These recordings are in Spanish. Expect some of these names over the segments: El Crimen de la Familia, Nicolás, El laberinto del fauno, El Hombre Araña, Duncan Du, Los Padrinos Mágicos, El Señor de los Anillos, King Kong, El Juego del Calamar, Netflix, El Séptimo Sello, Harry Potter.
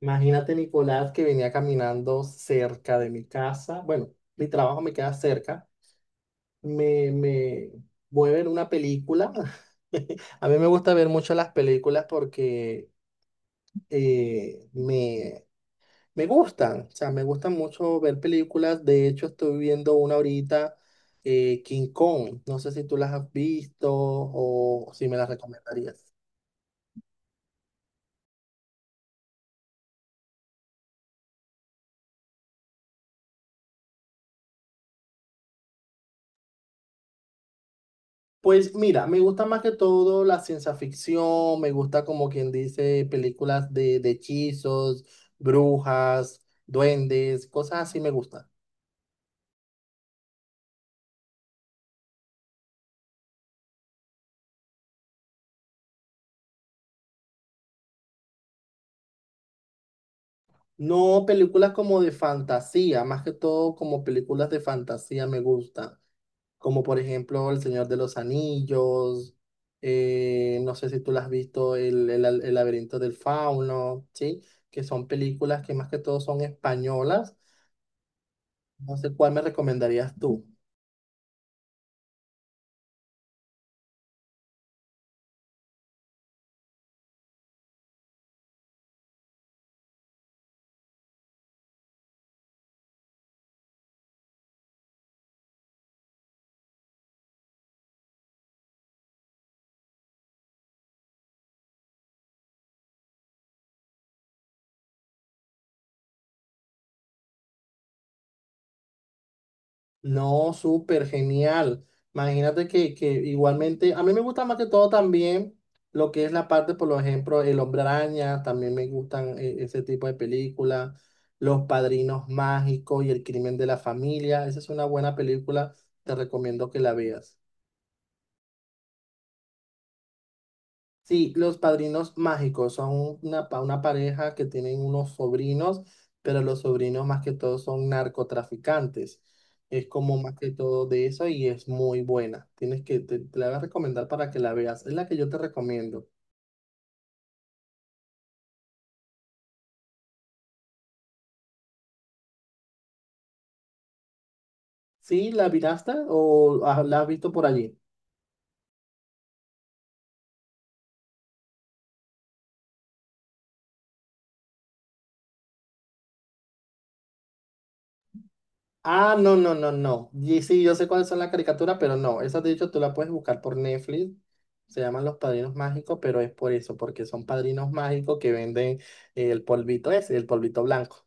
Imagínate, Nicolás, que venía caminando cerca de mi casa. Bueno, mi trabajo me queda cerca. Me voy a ver una película. A mí me gusta ver mucho las películas porque eh, me, me gustan. O sea, me gustan mucho ver películas. De hecho, estoy viendo una ahorita, King Kong. No sé si tú las has visto o si me las recomendarías. Pues mira, me gusta más que todo la ciencia ficción, me gusta como quien dice películas de hechizos, brujas, duendes, cosas así me gustan. No películas como de fantasía, más que todo como películas de fantasía me gustan, como por ejemplo El Señor de los Anillos, no sé si tú las has visto, el laberinto del fauno, ¿sí? Que son películas que más que todo son españolas. No sé cuál me recomendarías tú. No, súper genial. Imagínate que igualmente, a mí me gusta más que todo también lo que es la parte, por ejemplo, El Hombre Araña, también me gustan ese tipo de películas, Los Padrinos Mágicos y El Crimen de la Familia. Esa es una buena película, te recomiendo que la veas. Sí, los padrinos mágicos son una, una pareja que tienen unos sobrinos, pero los sobrinos más que todo son narcotraficantes. Es como más que todo de eso y es muy buena. Tienes que, te la voy a recomendar para que la veas. Es la que yo te recomiendo. ¿Sí? ¿La miraste o ah, la has visto por allí? Ah, no, no, no, no. Y sí, yo sé cuáles son las caricaturas, pero no. Esas, de hecho, tú la puedes buscar por Netflix. Se llaman Los Padrinos Mágicos, pero es por eso, porque son padrinos mágicos que venden el polvito ese, el polvito blanco.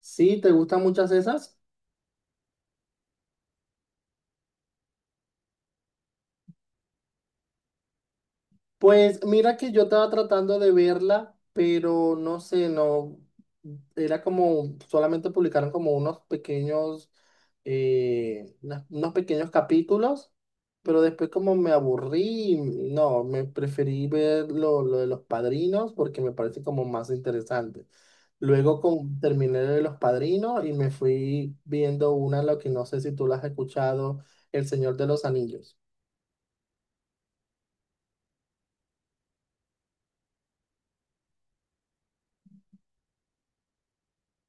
Sí, ¿te gustan muchas esas? Pues mira que yo estaba tratando de verla, pero no sé, no, era como, solamente publicaron como unos pequeños, unos pequeños capítulos, pero después como me aburrí, y no, me preferí ver lo de los padrinos porque me parece como más interesante. Luego terminé de los padrinos y me fui viendo una, lo que no sé si tú la has escuchado, El Señor de los Anillos.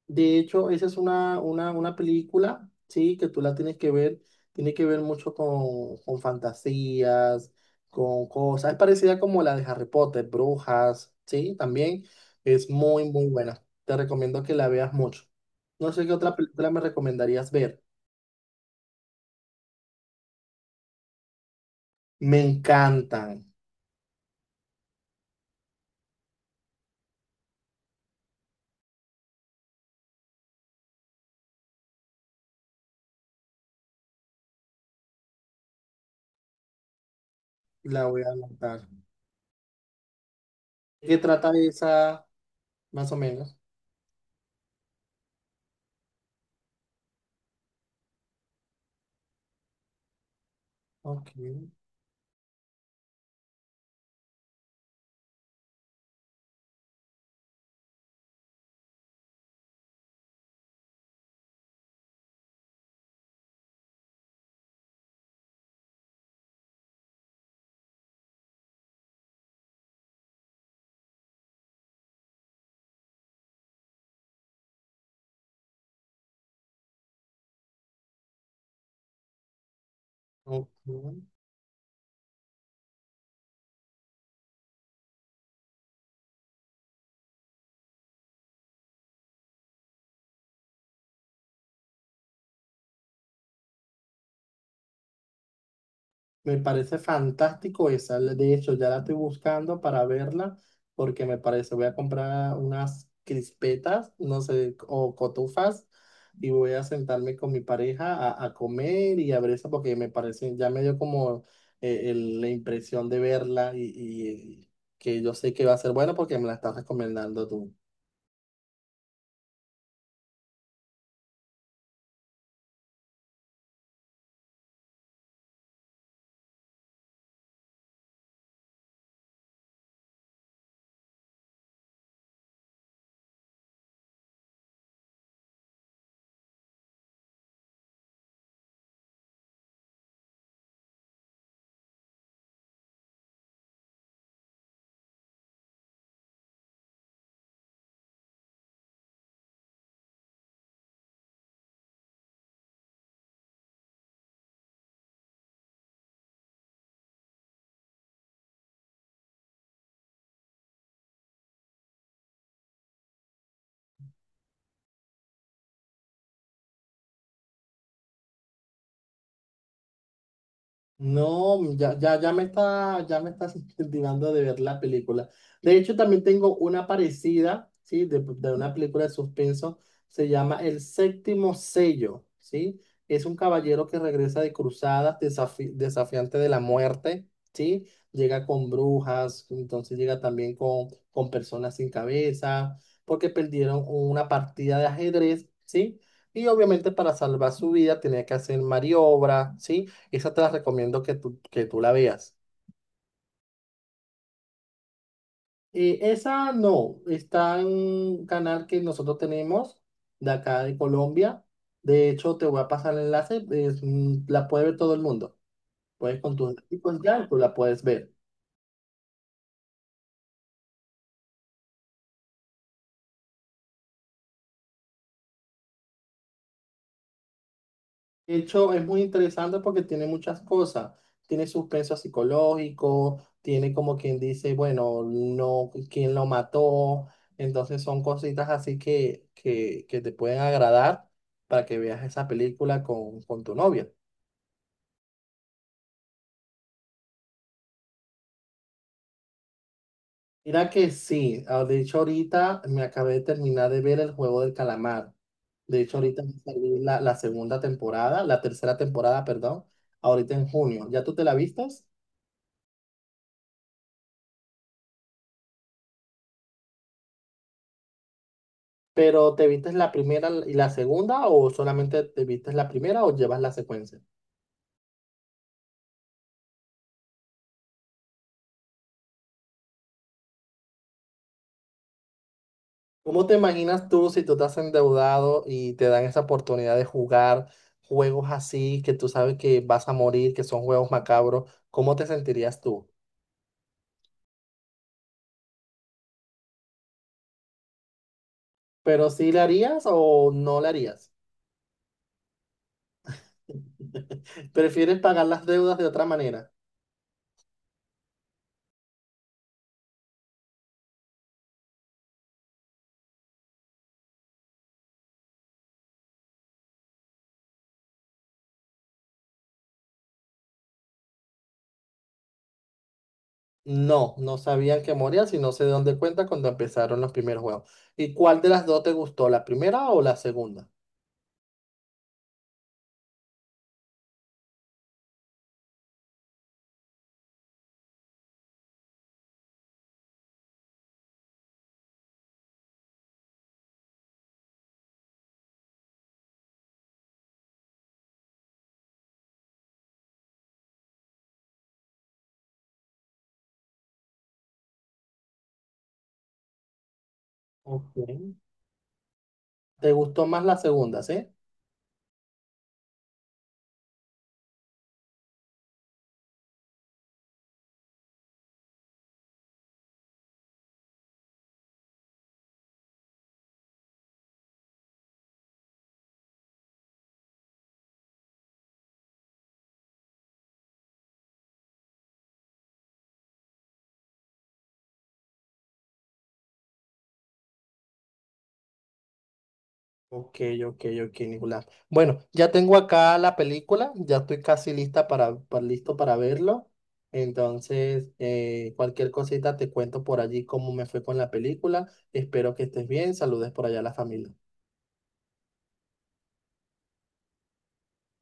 De hecho, esa es una película, sí, que tú la tienes que ver, tiene que ver mucho con fantasías, con cosas, es parecida como la de Harry Potter, Brujas, sí, también es muy, muy buena. Te recomiendo que la veas mucho. No sé qué otra película me recomendarías ver. Me encantan, la voy a anotar. ¿De ¿Qué trata esa, más o menos? Ok, ok. Me parece fantástico esa. De hecho, ya la estoy buscando para verla porque me parece, voy a comprar unas crispetas, no sé, o cotufas y voy a sentarme con mi pareja a comer y a ver eso porque me parece, ya me dio como la impresión de verla y que yo sé que va a ser bueno porque me la estás recomendando tú. No, ya me está, ya me estás incentivando de ver la película. De hecho, también tengo una parecida, ¿sí? De una película de suspenso. Se llama El Séptimo Sello, ¿sí? Es un caballero que regresa de cruzadas, desafiante de la muerte, ¿sí? Llega con brujas, entonces llega también con personas sin cabeza, porque perdieron una partida de ajedrez, ¿sí? Y obviamente para salvar su vida tenía que hacer maniobras, ¿sí? Esa te la recomiendo que tú la veas. Esa no, está en un canal que nosotros tenemos de acá de Colombia. De hecho, te voy a pasar el enlace, es, la puede ver todo el mundo. Puedes con tus amigos ya, tú la puedes ver. De hecho, es muy interesante porque tiene muchas cosas. Tiene suspenso psicológico, tiene como quien dice, bueno, no, quién lo mató. Entonces son cositas así que te pueden agradar para que veas esa película con tu novia. Mira que sí, ah, de hecho ahorita me acabé de terminar de ver El Juego del Calamar. De hecho ahorita va a salir la segunda temporada, la tercera temporada, perdón, ahorita en junio. ¿Ya tú te la vistas? Pero ¿te viste la primera y la segunda o solamente te viste la primera o llevas la secuencia? ¿Cómo te imaginas tú si tú estás endeudado y te dan esa oportunidad de jugar juegos así que tú sabes que vas a morir, que son juegos macabros? ¿Cómo te sentirías tú? ¿Pero sí le harías o no le harías? ¿Prefieres pagar las deudas de otra manera? No, no sabían que morías y no sé de dónde cuenta cuando empezaron los primeros juegos. ¿Y cuál de las dos te gustó, la primera o la segunda? Ok. Te gustó más la segunda, ¿sí? Ok, ok, ok, Nicolás. Bueno, ya tengo acá la película, ya estoy casi lista para, listo para verlo. Entonces, cualquier cosita te cuento por allí cómo me fue con la película. Espero que estés bien. Saludes por allá a la familia.